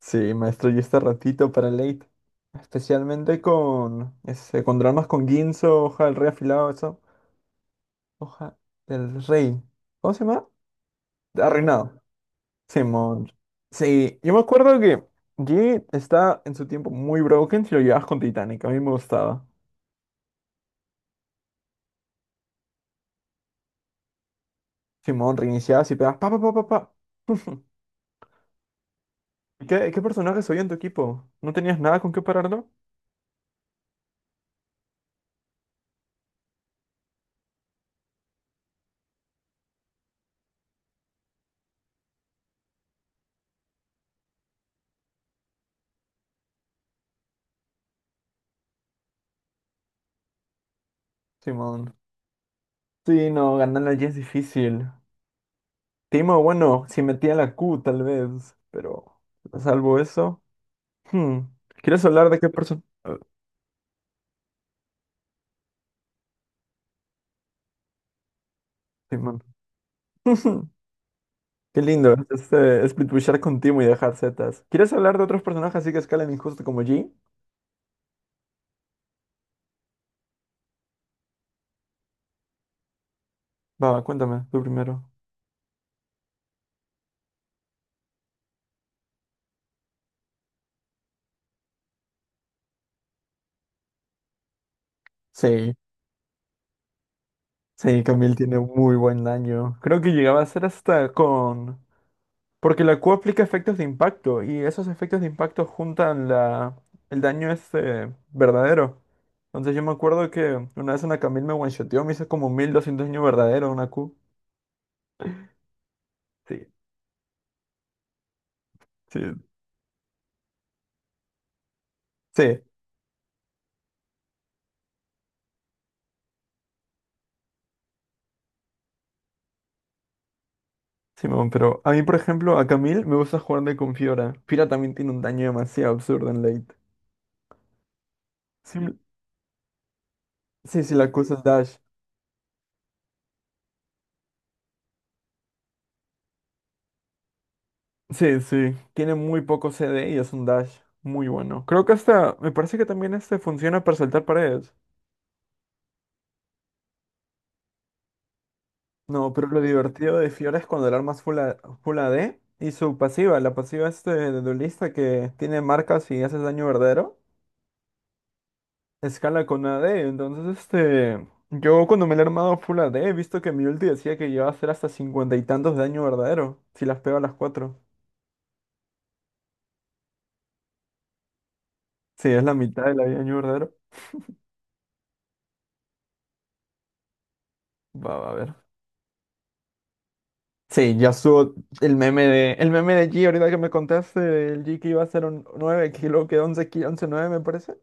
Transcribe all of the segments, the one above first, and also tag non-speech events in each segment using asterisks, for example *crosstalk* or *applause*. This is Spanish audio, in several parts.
Sí, maestro, y este ratito para late. Especialmente con dramas con Ginzo, hoja del rey afilado, eso. Hoja del rey. ¿Cómo se llama? Arruinado. Simón. Sí, yo me acuerdo que G está en su tiempo muy broken si lo llevabas con Titanic. A mí me gustaba. Simón, reiniciabas y pegabas pa pa pa pa pa. ¿Qué personajes había en tu equipo? ¿No tenías nada con qué pararlo? Simón. Sí, no, ganar a G es difícil. Timo, bueno, si metía la Q tal vez, pero salvo eso. hmm, ¿Quieres hablar de qué persona? Timón. *laughs* Qué lindo, este, split pushar con Timo y dejar Zetas. ¿Quieres hablar de otros personajes así que escalan injusto como G? Va, cuéntame, tú primero. Sí, sí, Camille tiene muy buen daño. Creo que llegaba a ser hasta con. Porque la Q aplica efectos de impacto y esos efectos de impacto juntan el daño este verdadero. Entonces yo me acuerdo que una vez una Camille me one-shoteó, me hizo como 1.200 daño verdadero una Q. Sí, sí, sí, Simón, pero a mí, por ejemplo, a Camille me gusta jugar de con Fiora. Fiora también tiene un daño demasiado absurdo en late. Sí, sí, sí, la Q es dash. Sí, sí, tiene muy poco CD y es un dash muy bueno. Creo que hasta, me parece que también este funciona para saltar paredes. No, pero lo divertido de Fiora es cuando el arma es full AD y su pasiva, la pasiva este de duelista que tiene marcas y haces daño verdadero, escala con AD. Entonces, este, yo cuando me la he armado full AD he visto que mi ulti decía que iba a hacer hasta cincuenta y tantos de daño verdadero si las pego a las cuatro. Sí, es la mitad de la vida de daño verdadero. Va, va a ver. Sí, ya subo el meme de G ahorita que me contaste, el G que iba a ser un 9 kilo, que 11 kilo, 11 nueve me parece.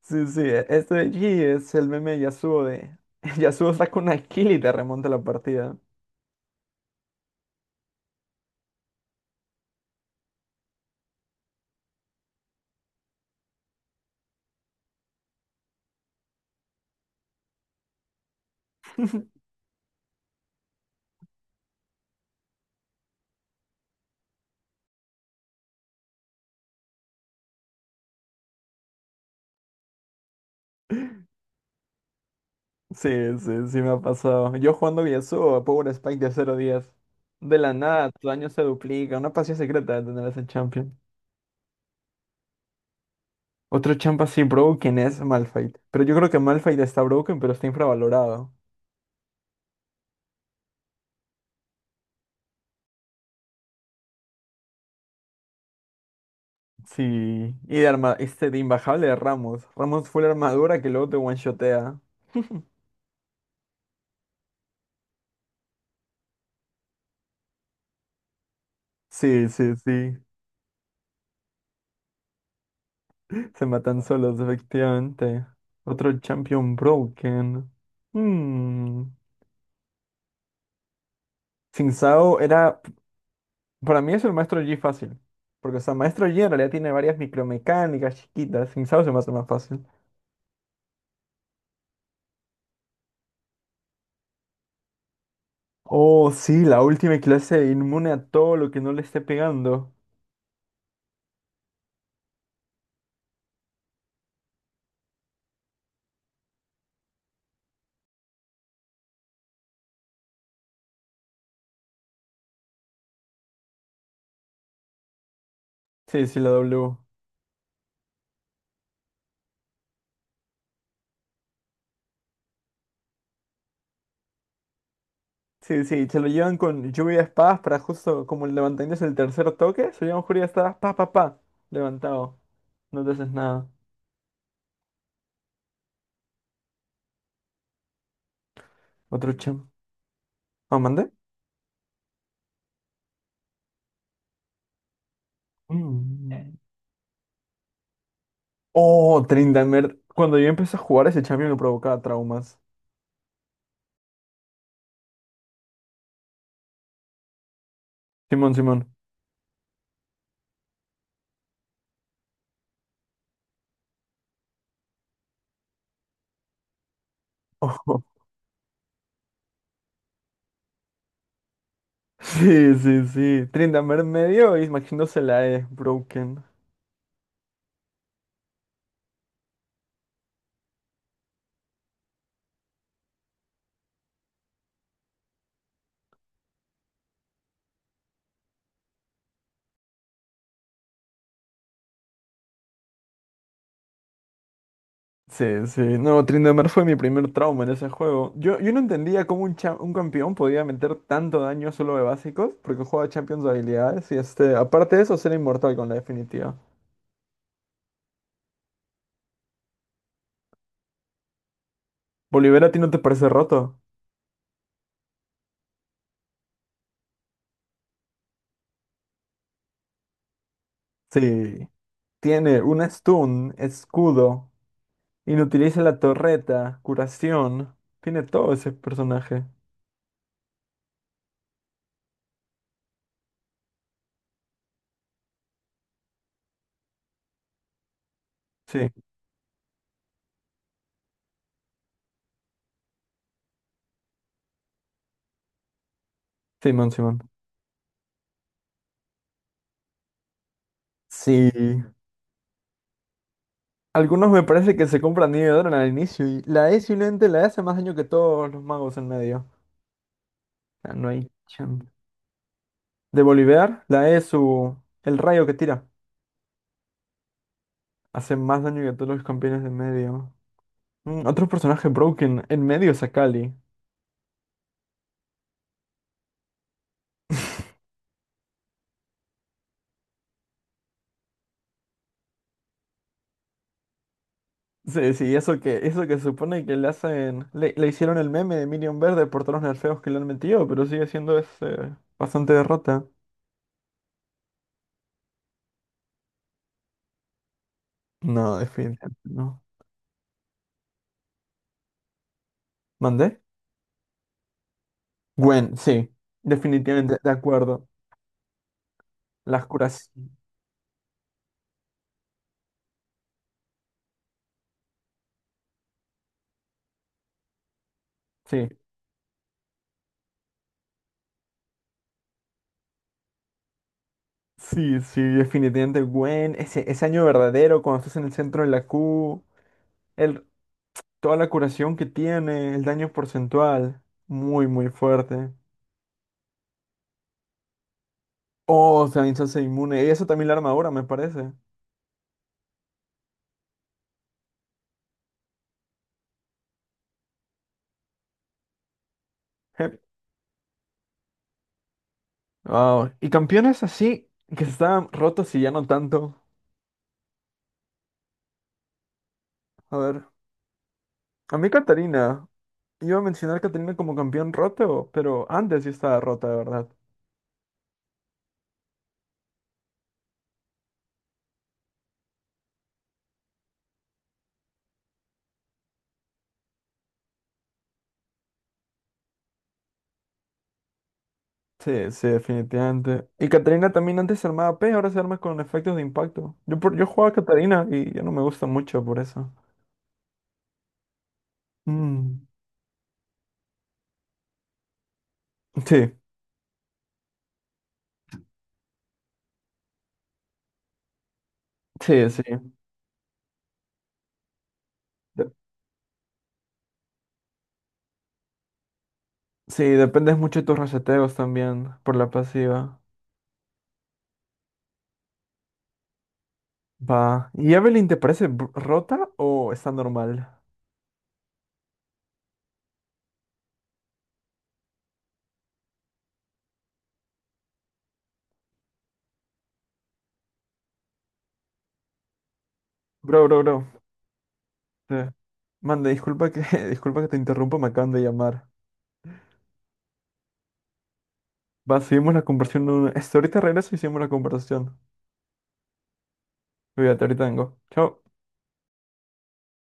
Sí, sí, este de allí es el meme de Yasuo de. *laughs* Yasuo saca una kill y te remonta la partida. Sí, sí, sí me ha pasado. Yo jugando Yasuo a Power Spike de cero días. De la nada, tu daño se duplica. Una pasión secreta de tener ese champion. Otro champ así broken es Malphite. Pero yo creo que Malphite está broken, pero está infravalorado. Sí. Y de arma, este de imbajable de Ramos. Ramos fue la armadura que luego te one-shotea. Sí, sí, sí. Se matan solos, efectivamente. Otro champion broken. Hmm. Sin Sao era. Para mí es el maestro Yi fácil. Porque, o sea, maestro Yi en realidad tiene varias micromecánicas chiquitas. Sin Sao se mata más fácil. Oh, sí, la última clase inmune a todo lo que no le esté pegando. Sí, sí, la W. Sí, sí, se lo llevan con lluvia de espadas para justo como el levantamiento es el tercer toque. Se llevan lluvia de espadas, pa, pa, pa. Levantado. No te haces nada. Otro champ. ¿Ah, mandé? Mm. Oh, Tryndamere. Cuando yo empecé a jugar ese champion me provocaba traumas. Simón, Simón. *laughs* Ojo. Sí, sí, sí. Tryndamere medio y imaginándose la E, broken. Sí, sí. No, Tryndamere fue mi primer trauma en ese juego. Yo no entendía cómo un campeón podía meter tanto daño solo de básicos, porque juega champions de habilidades y este, aparte de eso, ser inmortal con la definitiva. Bolívar, ¿a ti no te parece roto? Sí. Tiene un stun, escudo. Inutiliza la torreta, curación. Tiene todo ese personaje. Sí, Simón, Simón. Sí. Algunos me parece que se compran Nidoran al inicio y la E simplemente la E hace más daño que todos los magos en medio. O sea, no hay chance. De Bolivar, la E es su, el rayo que tira. Hace más daño que todos los campeones de medio. Otro personaje broken en medio es Akali. *laughs* Sí, sí, eso que se supone que le hacen, le hicieron el meme de Minion Verde por todos los nerfeos que le han metido, pero sigue siendo ese, bastante derrota. No, definitivamente no. ¿Mandé? Gwen, sí, definitivamente, de acuerdo. Las curas, sí. Sí, sí, definitivamente Gwen, ese año verdadero cuando estás en el centro de la Q, el, toda la curación que tiene, el daño porcentual, muy, muy fuerte. Oh, también se hace inmune, y eso también la armadura, me parece. *laughs* Wow. Y campeones así que estaban rotos y ya no tanto. A ver, a mí Catarina. Iba a mencionar a Catarina como campeón roto, pero antes sí estaba rota, de verdad. Sí, sí, definitivamente. Y Catarina también antes se armaba P, ahora se arma con efectos de impacto. Yo jugaba a Catarina y ya no me gusta mucho por eso. Mm. Sí, sí, sí. De- sí, dependes mucho de tus reseteos también por la pasiva. Va. ¿Y Evelyn te parece rota o está normal? Bro, bro, bro. Sí. Manda, disculpa que, *laughs* disculpa que te interrumpa, me acaban de llamar. Va, seguimos la conversación. Ahorita regreso y seguimos la conversación. Cuídate, ahorita vengo. Chao.